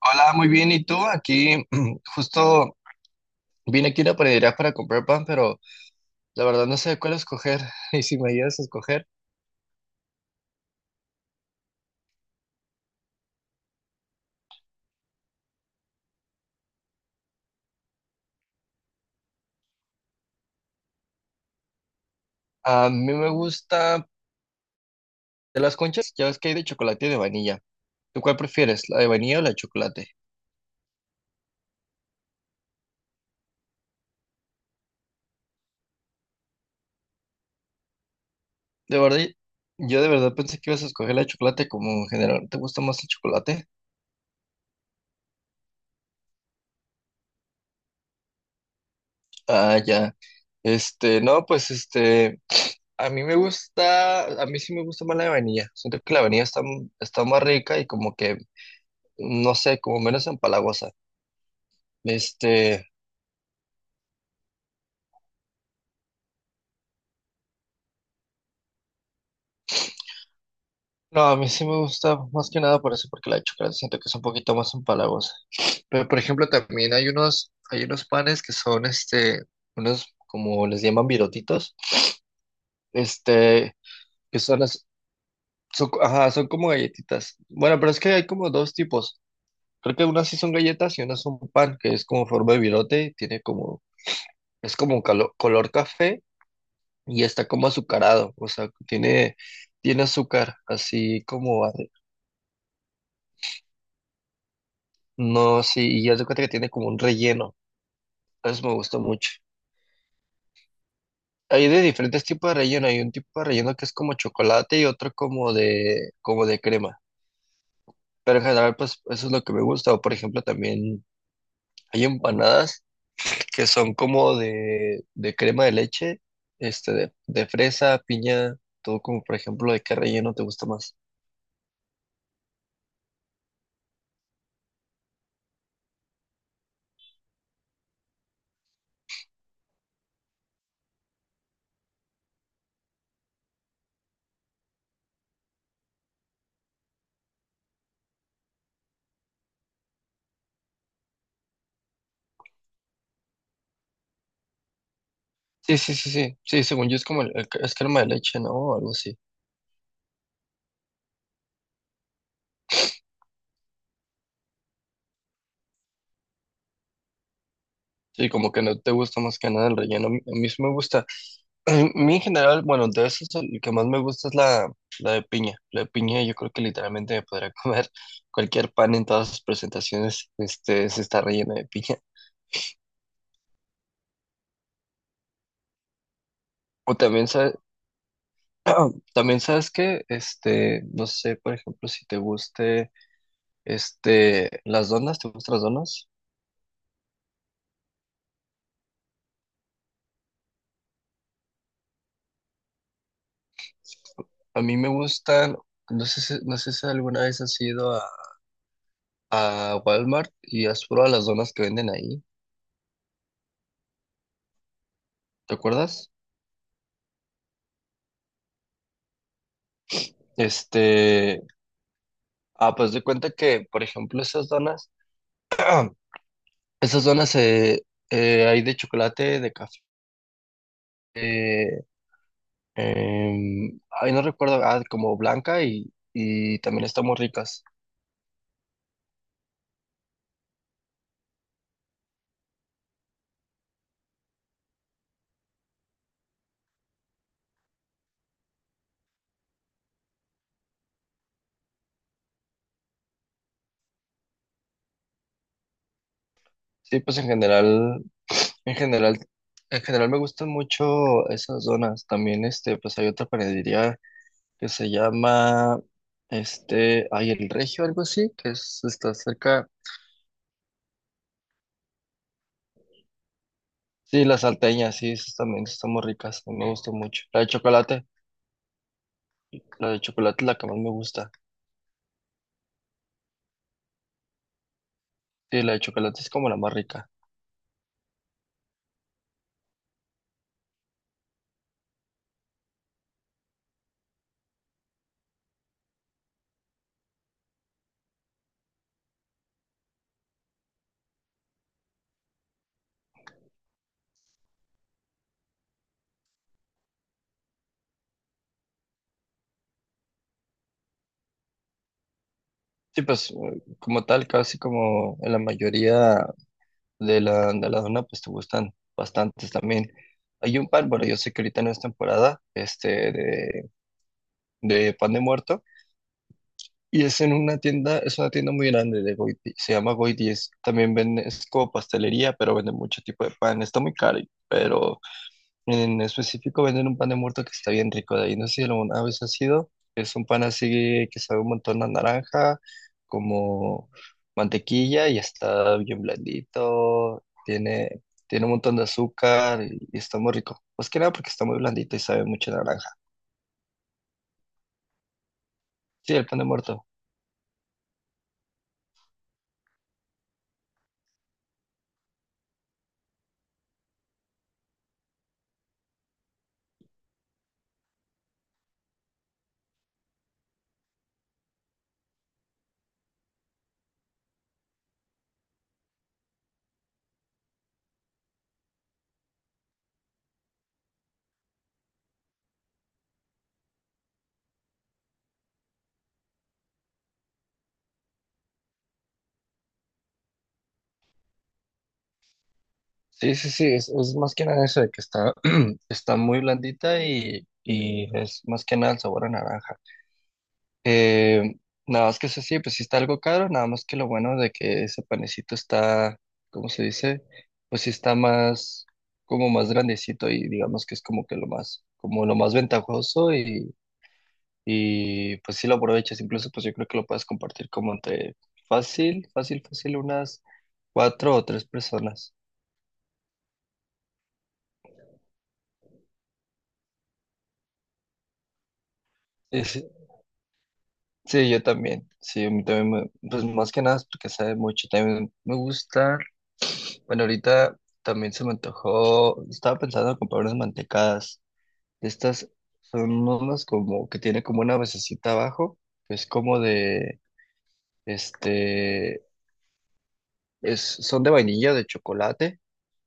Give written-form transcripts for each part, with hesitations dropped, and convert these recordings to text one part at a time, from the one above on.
Hola, muy bien. ¿Y tú? Aquí justo vine aquí a la panadería para comprar pan, pero la verdad no sé cuál escoger. Y si me ayudas a escoger, a mí me gusta de las conchas, ya ves que hay de chocolate y de vainilla. ¿Tú cuál prefieres, la de vainilla o la de chocolate? De verdad, yo de verdad pensé que ibas a escoger la de chocolate como en general. ¿Te gusta más el chocolate? Ah, ya. No, pues, a mí me gusta, a mí sí me gusta más la de vainilla. Siento que la vainilla está más rica y como que, no sé, como menos empalagosa. Este, no, a mí sí me gusta más que nada por eso, porque la de chocolate siento que es un poquito más empalagosa. Pero por ejemplo, también hay unos panes que son unos como les llaman virotitos, este, que son las, son, co- ajá, son como galletitas. Bueno, pero es que hay como dos tipos. Creo que unas sí son galletas y unas son pan, que es como forma de virote, es como color café y está como azucarado, o sea, tiene azúcar, así como. No, sí, y ya se cuenta que tiene como un relleno. Eso me gustó mucho. Hay de diferentes tipos de relleno. Hay un tipo de relleno que es como chocolate y otro como de crema. Pero en general, pues eso es lo que me gusta. O por ejemplo, también hay empanadas que son de crema de leche, de fresa, piña, todo como por ejemplo, ¿de qué relleno te gusta más? Sí, sí, sí, sí. Sí, según yo es como es crema de leche, ¿no? O algo así. Sí, como que no te gusta más que nada el relleno. A mí sí me gusta. A mí en general, bueno, de esos el que más me gusta es la de piña. La de piña yo creo que literalmente me podría comer cualquier pan en todas sus presentaciones, se está relleno de piña. O también sabes, también sabes que, no sé, por ejemplo, si te guste, las donas, ¿te gustan las donas? A mí me gustan, no sé si alguna vez has ido a Walmart y has probado las donas que venden ahí, ¿te acuerdas? Este, Ah, pues de cuenta que, por ejemplo, esas donas hay de chocolate, de café, eh, ay, no recuerdo, ah, como blanca y también están muy ricas. Sí, pues en general, en general me gustan mucho esas donas. También, pues hay otra panadería que se llama, ay, El Regio, algo así, está cerca. Sí, las salteñas, sí, esas también están muy ricas, me gustan mucho. La de chocolate. La de chocolate es la que más me gusta. Sí, la de chocolate es como la más rica. Sí, como tal, casi como en la mayoría de la zona, pues te gustan bastantes también. Hay un pan, bueno, yo sé que ahorita no es temporada, de pan de muerto, y es en una tienda, es una tienda muy grande de Goiti, se llama Goiti, es, también vende, es como pastelería, pero vende mucho tipo de pan, está muy caro, pero en específico venden un pan de muerto que está bien rico de ahí. No sé si alguna vez ha sido. Es un pan así que sabe un montón a naranja, como mantequilla y está bien blandito. Tiene un montón de azúcar y está muy rico. Más que nada porque está muy blandito y sabe mucho a naranja. Sí, el pan de muerto. Sí, sí, sí. Es más que nada eso de que está, está muy blandita y es más que nada el sabor a naranja. Eh, nada más que eso sí, pues sí está algo caro, nada más que lo bueno de que ese panecito está, ¿cómo se dice? Pues sí está más, como más grandecito y digamos que es como que lo más, como lo más ventajoso y pues sí lo aprovechas, incluso pues yo creo que lo puedes compartir como entre fácil, fácil, fácil, unas cuatro o tres personas. Sí, yo también. Sí, a mí también, me- pues más que nada es porque sabe mucho. También me gusta. Bueno, ahorita también se me antojó. Estaba pensando en comprar unas mantecadas. Estas son unas como que tiene como una basecita abajo. Que es como de, este, son de vainilla, de chocolate,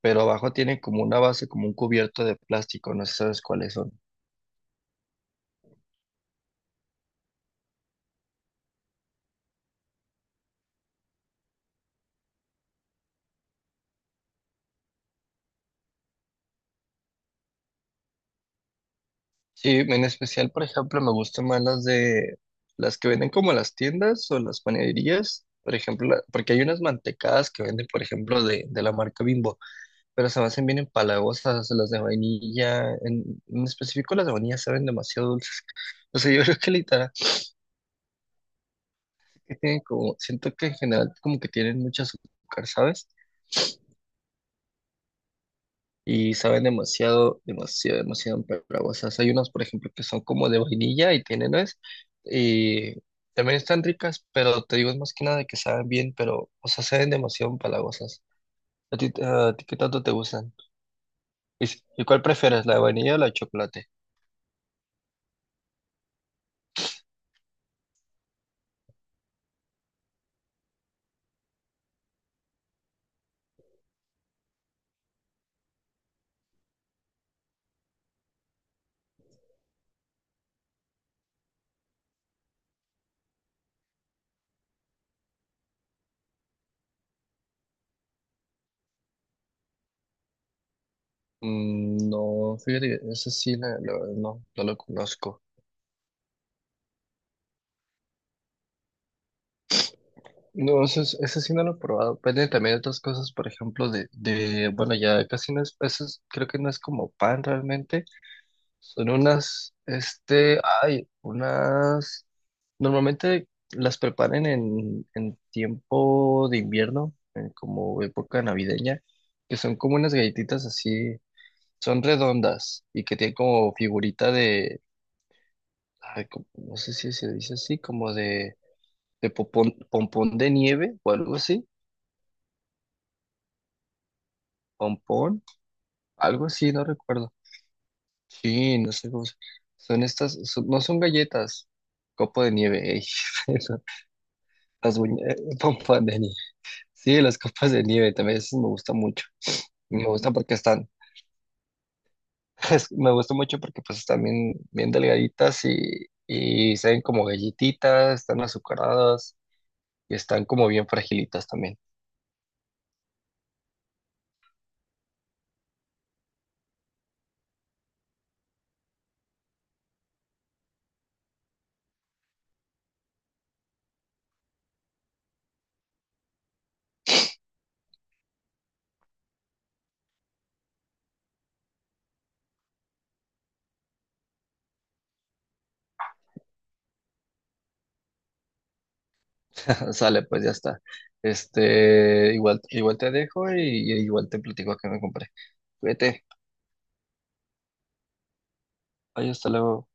pero abajo tiene como una base, como un cubierto de plástico. No sé si sabes cuáles son. Sí, en especial, por ejemplo, me gustan más las que venden como en las tiendas o en las panaderías, por ejemplo, porque hay unas mantecadas que venden, por ejemplo, de la marca Bimbo, pero se me hacen bien empalagosas, las de vainilla, en específico las de vainilla saben demasiado dulces. O sea, yo creo que literal que tienen como, siento que en general como que tienen mucho azúcar, ¿sabes? Y saben demasiado, demasiado, demasiado empalagosas. Hay unos por ejemplo, que son como de vainilla y tienen nuez, y también están ricas, pero te digo, es más que nada que saben bien, pero, o sea, saben demasiado empalagosas. A ti qué tanto te gustan? ¿Y, y cuál prefieres, la de vainilla o la de chocolate? Mm, no, fíjate, que esa sí, la verdad no, no lo conozco. No, eso, eso sí no lo he probado. Depende también de otras cosas, por ejemplo, bueno, ya casi no es, eso creo que no es como pan realmente, son unas, hay unas, normalmente las preparan en tiempo de invierno, en como época navideña, que son como unas galletitas así, son redondas y que tienen como figurita de, ay, como- no sé si se dice así, como de pompón de nieve o algo así, pompón, algo así, no recuerdo. Sí, no sé cómo se- son estas, son- no son galletas, copo de nieve, ey. Las pompas de nieve. Sí, las copas de nieve también esas me gustan mucho. Me gustan porque están, es- me gusta mucho porque pues están bien, bien delgaditas y se ven como galletitas, están azucaradas y están como bien fragilitas también. Sale, pues ya está. Igual te dejo y igual te platico que me compré. Cuídate. Ay, hasta luego.